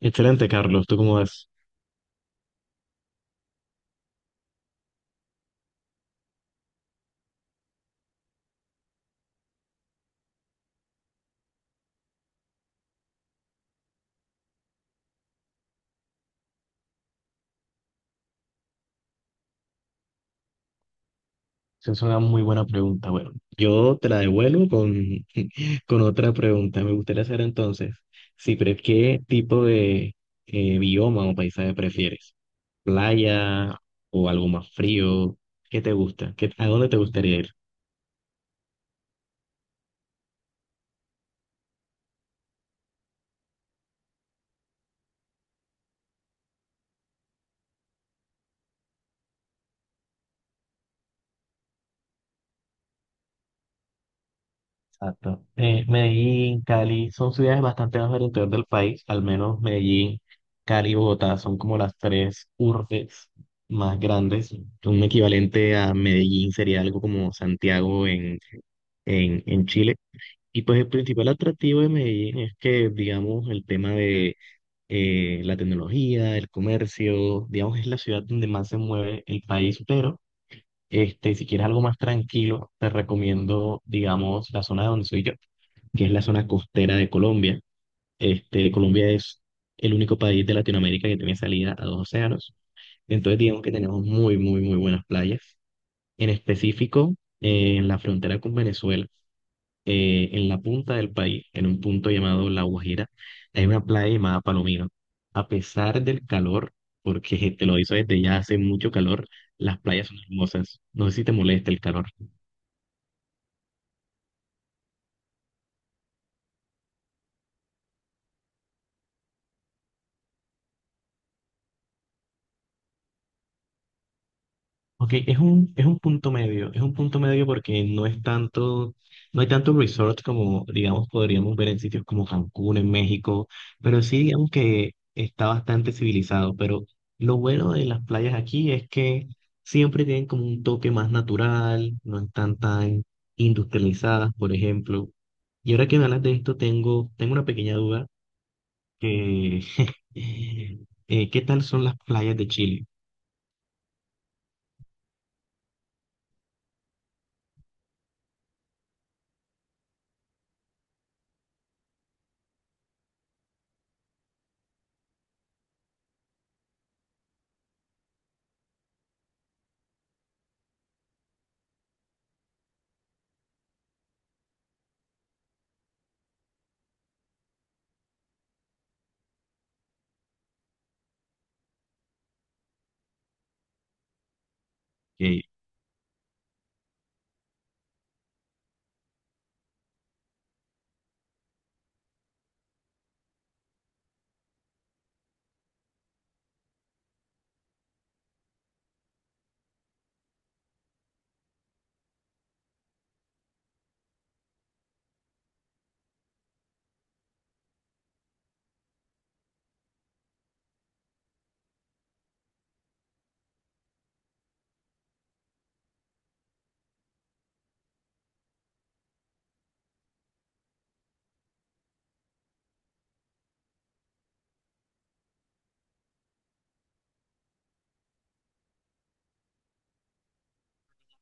Excelente, Carlos. ¿Tú cómo ves? Esa es una muy buena pregunta. Bueno, yo te la devuelvo con, con otra pregunta. Me gustaría hacer entonces, si pre- ¿qué tipo de bioma o paisaje prefieres? ¿Playa o algo más frío? ¿Qué te gusta? ¿Qué, a dónde te gustaría ir? Exacto. Medellín, Cali, son ciudades bastante más del interior del país, al menos Medellín, Cali y Bogotá son como las tres urbes más grandes. Un equivalente a Medellín sería algo como Santiago en, en Chile. Y pues el principal atractivo de Medellín es que, digamos, el tema de la tecnología, el comercio, digamos, es la ciudad donde más se mueve el país, pero este, si quieres algo más tranquilo, te recomiendo, digamos, la zona de donde soy yo, que es la zona costera de Colombia. Este, Colombia es el único país de Latinoamérica que tiene salida a dos océanos. Entonces, digamos que tenemos muy, muy, muy buenas playas. En específico, en la frontera con Venezuela, en la punta del país, en un punto llamado La Guajira, hay una playa llamada Palomino. A pesar del calor, porque te lo hizo desde ya hace mucho calor, las playas son hermosas. No sé si te molesta el calor. Ok, es un punto medio, es un punto medio porque no es tanto, no hay tanto resort como, digamos, podríamos ver en sitios como Cancún, en México, pero sí digamos que está bastante civilizado, pero lo bueno de las playas aquí es que siempre tienen como un toque más natural, no están tan industrializadas, por ejemplo. Y ahora que me hablas de esto, tengo una pequeña duda que, ¿qué tal son las playas de Chile? Eh,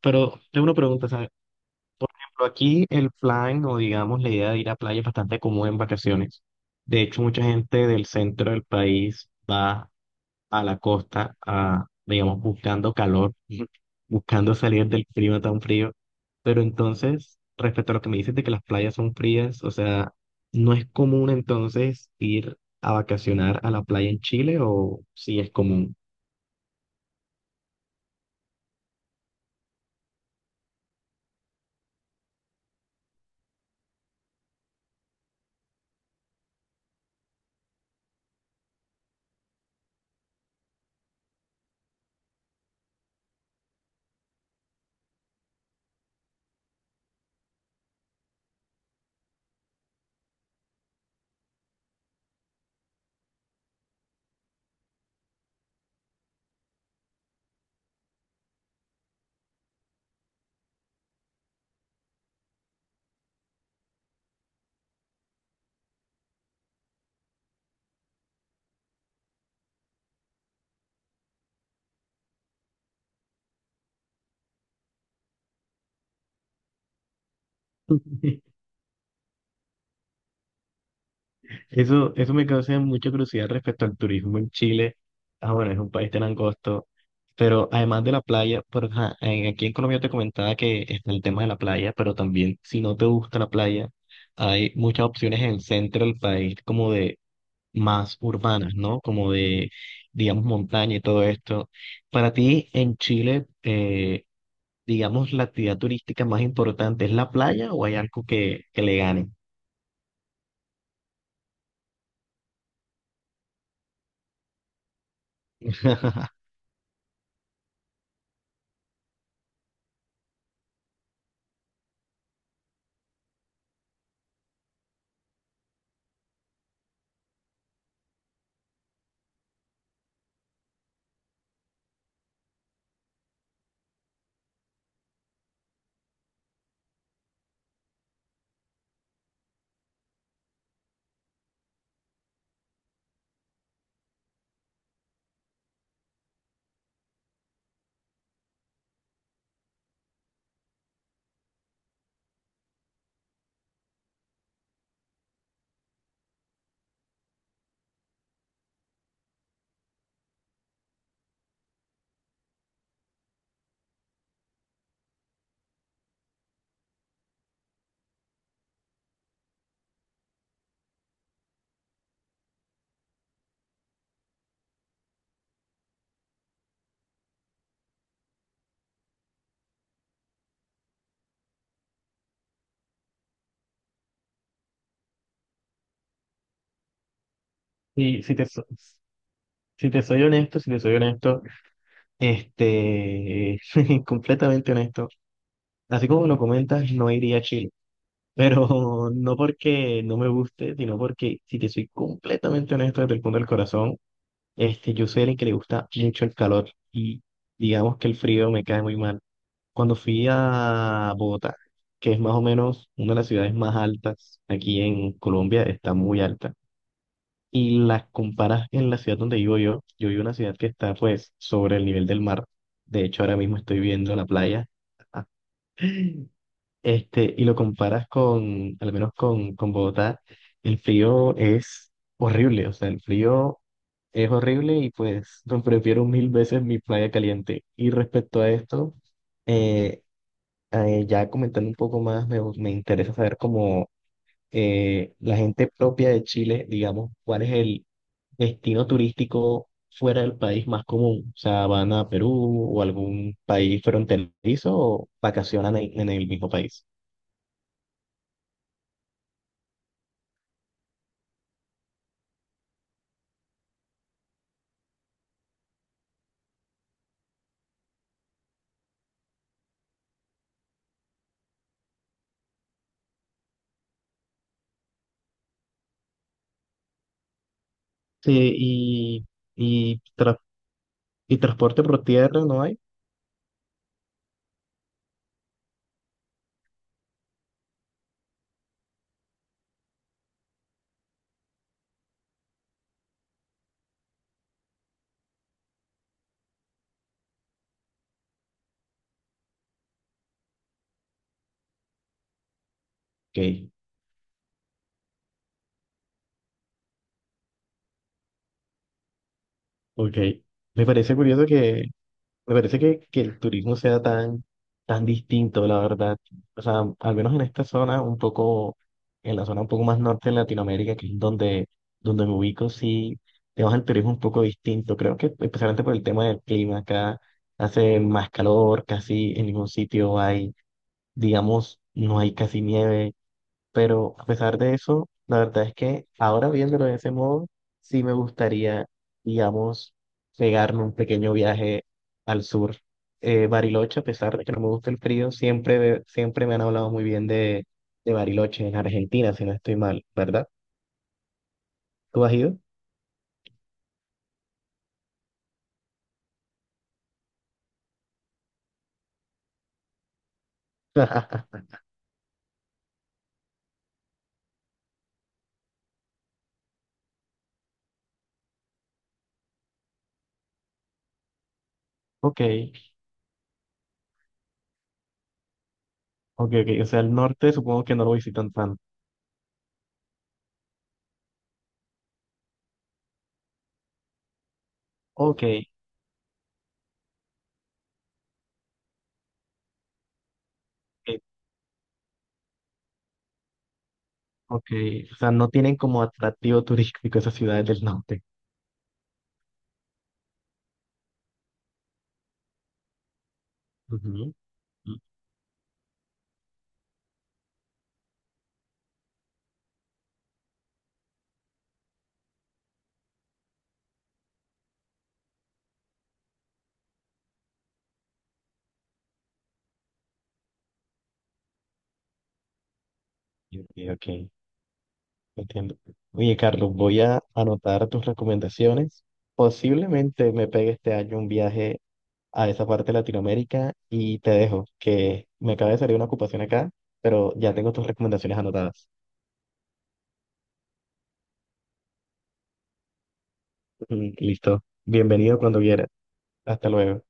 pero tengo una pregunta, ¿sabes? Pero aquí el plan o digamos la idea de ir a playa es bastante común en vacaciones. De hecho, mucha gente del centro del país va a la costa, a, digamos, buscando calor, buscando salir del clima tan frío. Pero entonces, respecto a lo que me dices de que las playas son frías, o sea, ¿no es común entonces ir a vacacionar a la playa en Chile o sí es común? Eso me causa mucha curiosidad respecto al turismo en Chile. Ah, bueno, es un país tan angosto, pero además de la playa, por, ajá, aquí en Colombia te comentaba que está el tema de la playa, pero también si no te gusta la playa, hay muchas opciones en el centro del país como de más urbanas, ¿no? Como de, digamos, montaña y todo esto. Para ti en Chile, digamos, la actividad turística más importante, ¿es la playa o hay algo que le gane? Sí, si te soy honesto, si te soy honesto, este, completamente honesto, así como lo comentas, no iría a Chile, pero no porque no me guste, sino porque si te soy completamente honesto desde el punto del corazón, este, yo soy alguien que le gusta mucho el calor y digamos que el frío me cae muy mal. Cuando fui a Bogotá, que es más o menos una de las ciudades más altas aquí en Colombia, está muy alta y las comparas en la ciudad donde vivo yo, yo vivo en una ciudad que está pues sobre el nivel del mar, de hecho ahora mismo estoy viendo la playa, este, y lo comparas con, al menos con Bogotá, el frío es horrible, o sea, el frío es horrible y pues no, prefiero mil veces mi playa caliente. Y respecto a esto, eh, ya comentando un poco más, me interesa saber cómo la gente propia de Chile, digamos, ¿cuál es el destino turístico fuera del país más común? O sea, ¿van a Perú o algún país fronterizo o vacacionan en el mismo país? Sí, y, tra- y transporte por tierra no hay. Ok, ok. Me parece curioso que Me parece que el turismo sea tan, tan distinto, la verdad. O sea, al menos en esta zona, un poco, en la zona un poco más norte de Latinoamérica, que es donde, donde me ubico, sí, tenemos el turismo un poco distinto. Creo que especialmente por el tema del clima, acá hace más calor, casi en ningún sitio hay, digamos, no hay casi nieve. Pero a pesar de eso, la verdad es que ahora viéndolo de ese modo, sí me gustaría, digamos, pegarme un pequeño viaje al sur. Bariloche, a pesar de que no me gusta el frío, siempre, siempre me han hablado muy bien de Bariloche en Argentina, si no estoy mal, ¿verdad? ¿Tú has ido? Ok, ok, ok. O sea, el norte supongo que no lo visitan tanto. Ok, ok, ok. O sea, no tienen como atractivo turístico esas ciudades del norte. Ujú. Ok, ok. Entiendo. Oye, Carlos, voy a anotar tus recomendaciones. Posiblemente me pegue este año un viaje a esa parte de Latinoamérica y te dejo, que me acaba de salir una ocupación acá, pero ya tengo tus recomendaciones anotadas. Mm, listo. Bienvenido cuando quieras. Hasta luego.